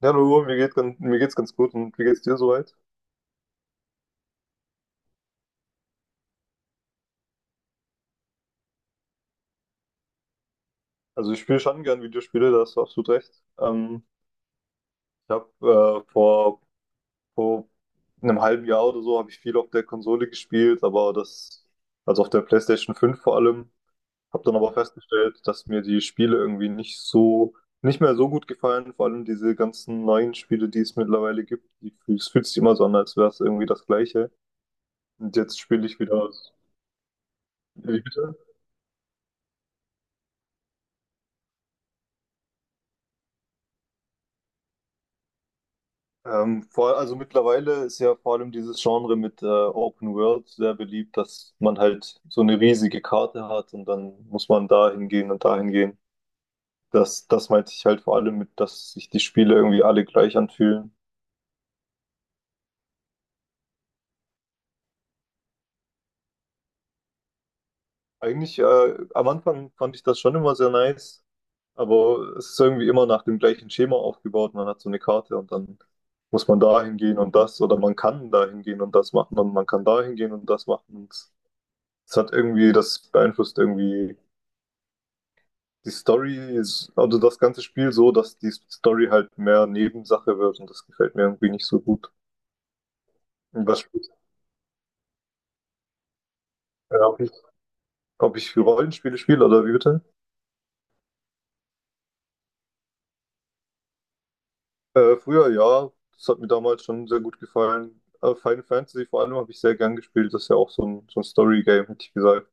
Hallo, mir mir geht's ganz gut und wie geht's dir soweit? Also ich spiele schon gern Videospiele, da hast du absolut recht. Ich habe äh, vor, vor einem halben Jahr oder so habe ich viel auf der Konsole gespielt, aber also auf der PlayStation 5 vor allem, habe dann aber festgestellt, dass mir die Spiele irgendwie nicht mehr so gut gefallen, vor allem diese ganzen neuen Spiele, die es mittlerweile gibt, die, es fühlt sich immer so an, als wäre es irgendwie das Gleiche. Und jetzt spiele ich wieder. Wie bitte? Also mittlerweile ist ja vor allem dieses Genre mit Open World sehr beliebt, dass man halt so eine riesige Karte hat und dann muss man da hingehen und da hingehen. Das meinte ich halt vor allem mit, dass sich die Spiele irgendwie alle gleich anfühlen. Eigentlich, am Anfang fand ich das schon immer sehr nice, aber es ist irgendwie immer nach dem gleichen Schema aufgebaut. Man hat so eine Karte und dann muss man da hingehen und das oder man kann da hingehen und das machen und man kann da hingehen und das machen. Und es hat irgendwie, das beeinflusst irgendwie die Story ist, also das ganze Spiel so, dass die Story halt mehr Nebensache wird und das gefällt mir irgendwie nicht so gut. Was spielst du? Ob ich Rollenspiele spiele oder wie bitte? Früher ja, das hat mir damals schon sehr gut gefallen. Final Fantasy vor allem habe ich sehr gern gespielt, das ist ja auch so so ein Story-Game, hätte ich gesagt.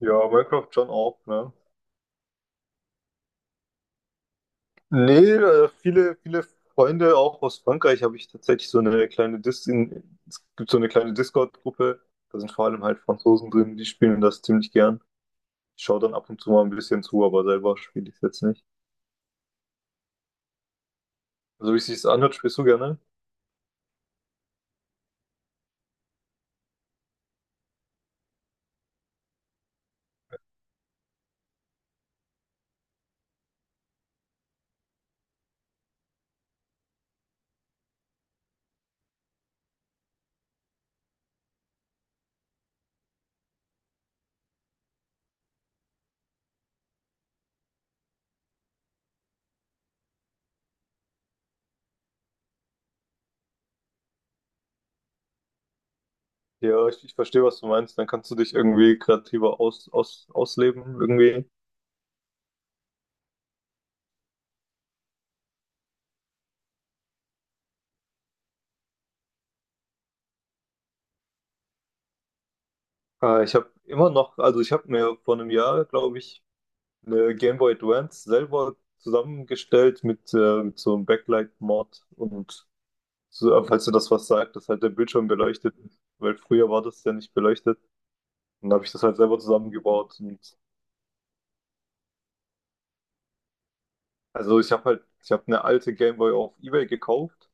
Ja, Minecraft schon auch, ne? Nee, viele Freunde auch aus Frankreich habe ich tatsächlich so eine es gibt so eine kleine Discord-Gruppe, da sind vor allem halt Franzosen drin, die spielen das ziemlich gern. Ich schaue dann ab und zu mal ein bisschen zu, aber selber spiele ich es jetzt nicht. Also wie es sich anhört, spielst du gerne? Ja, ich verstehe, was du meinst. Dann kannst du dich irgendwie kreativer ausleben, irgendwie. Ich habe immer noch, also ich habe mir vor einem Jahr, glaube ich, eine Game Boy Advance selber zusammengestellt mit so einem Backlight-Mod und so, falls du das was sagt, dass halt der Bildschirm beleuchtet ist, weil früher war das ja nicht beleuchtet. Und dann habe ich das halt selber zusammengebaut und also ich habe ich habe eine alte Game Boy auf eBay gekauft.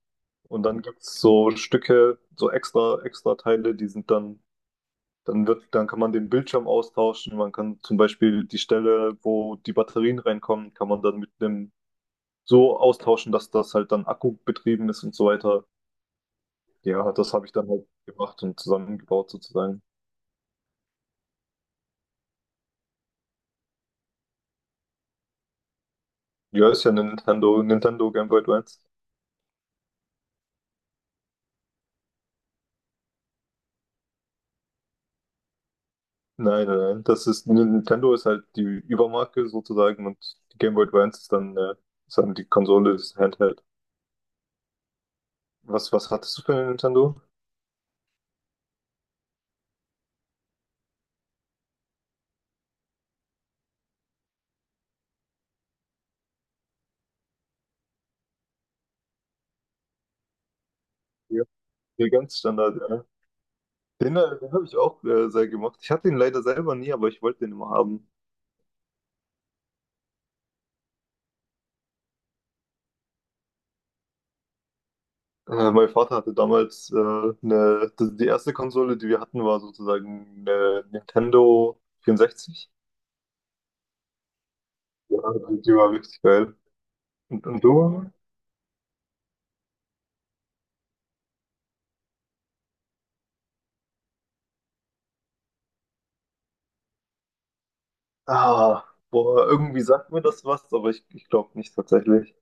Und dann gibt's so Stücke, so extra Teile, die sind dann dann kann man den Bildschirm austauschen. Man kann zum Beispiel die Stelle, wo die Batterien reinkommen, kann man dann mit einem so austauschen, dass das halt dann Akku betrieben ist und so weiter. Ja, das habe ich dann halt gemacht und zusammengebaut sozusagen. Ja, ist ja eine Nintendo Game Boy Advance. Nein, nein, nein. Das ist, Nintendo ist halt die Übermarke sozusagen und die Game Boy Advance ist ist dann die Konsole, das Handheld. Was hattest du für eine Nintendo? Ja, ganz Standard, ja. Den, den habe ich auch sehr gemocht. Ich hatte ihn leider selber nie, aber ich wollte den immer haben. Mein Vater hatte damals die erste Konsole, die wir hatten, war sozusagen eine Nintendo 64. Ja, die war richtig geil. Und du? Ah, boah, irgendwie sagt mir das was, aber ich glaube nicht tatsächlich.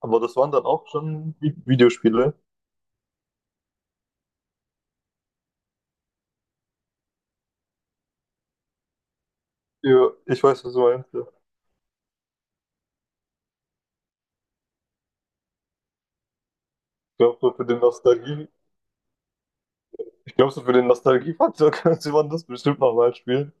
Aber das waren dann auch schon Videospiele. Ja, ich weiß, was du meinst, ja. Ich glaube, so für den Nostalgie, Ich glaube, so für den Nostalgiefaktor könnte man das bestimmt nochmal spielen.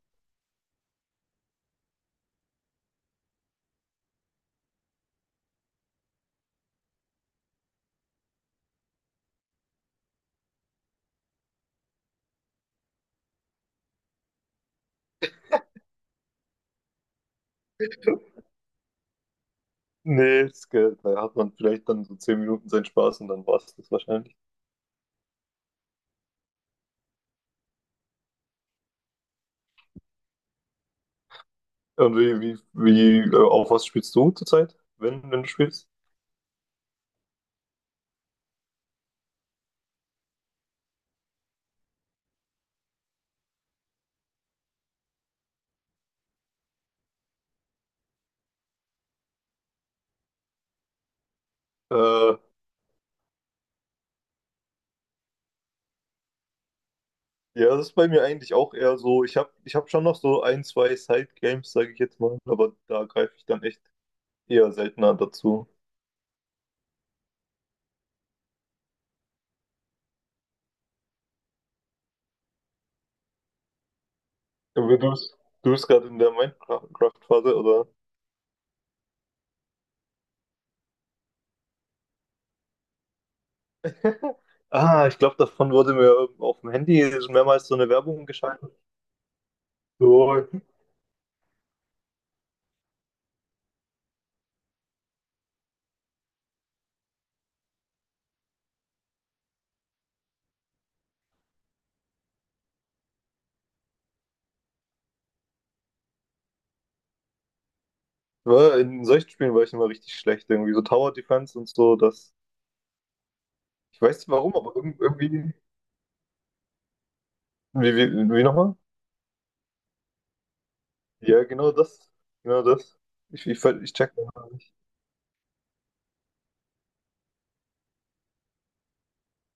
Nee, das geht. Da hat man vielleicht dann so 10 Minuten seinen Spaß und dann war es das wahrscheinlich. Und auf was spielst du zurzeit, wenn du spielst? Äh, ja, das ist bei mir eigentlich auch eher so. Ich habe ich hab schon noch so 1, 2 Side-Games, sage ich jetzt mal, aber da greife ich dann echt eher seltener dazu. Aber du bist gerade in der Minecraft-Phase, oder? Ah, ich glaube, davon wurde mir auf dem Handy mehrmals so eine Werbung geschaltet. So, War in solchen Spielen war ich immer richtig schlecht, irgendwie so Tower Defense und so, das. Ich weiß nicht warum, aber irgendwie. Wie nochmal? Ja, genau das. Genau das. Ich check das gar nicht.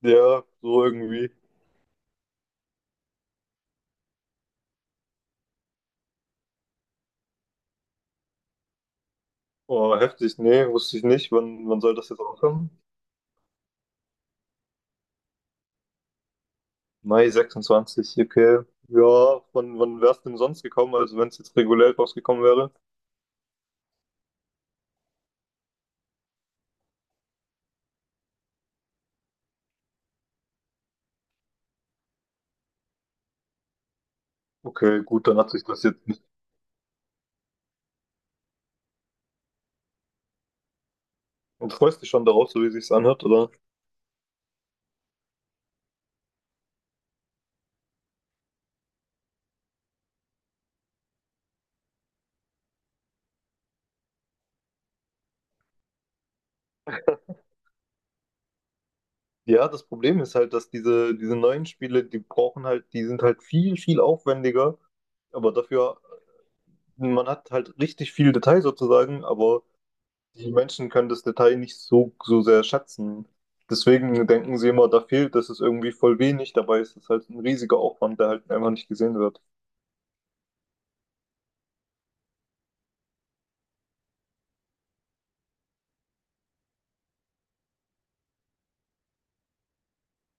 Ja, so irgendwie. Oh, heftig. Nee, wusste ich nicht. Wann soll das jetzt aufhören? Mai 26, okay. Ja, wann wär's denn sonst gekommen? Also wenn es jetzt regulär rausgekommen wäre? Okay, gut, dann hat sich das jetzt nicht. Und freust dich schon darauf, so wie sich's anhört, oder? Ja, das Problem ist halt, dass diese neuen Spiele, die brauchen halt, die sind halt viel aufwendiger, aber dafür, man hat halt richtig viel Detail sozusagen, aber die Menschen können das Detail nicht so sehr schätzen. Deswegen denken sie immer, da fehlt, das ist irgendwie voll wenig, dabei ist es halt ein riesiger Aufwand, der halt einfach nicht gesehen wird.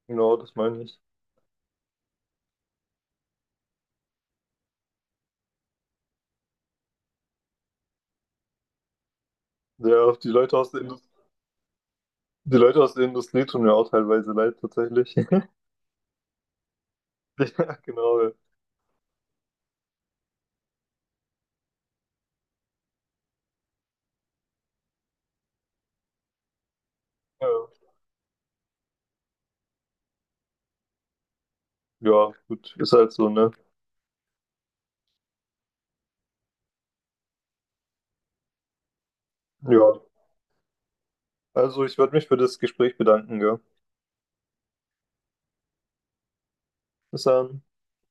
Genau, das meine ich. Ja, die Leute aus der Industrie tun mir auch teilweise leid, tatsächlich. Ja, genau. Ja, ja gut, ist halt so, ne? Ja. Also, ich würde mich für das Gespräch bedanken, gell? Bis dann.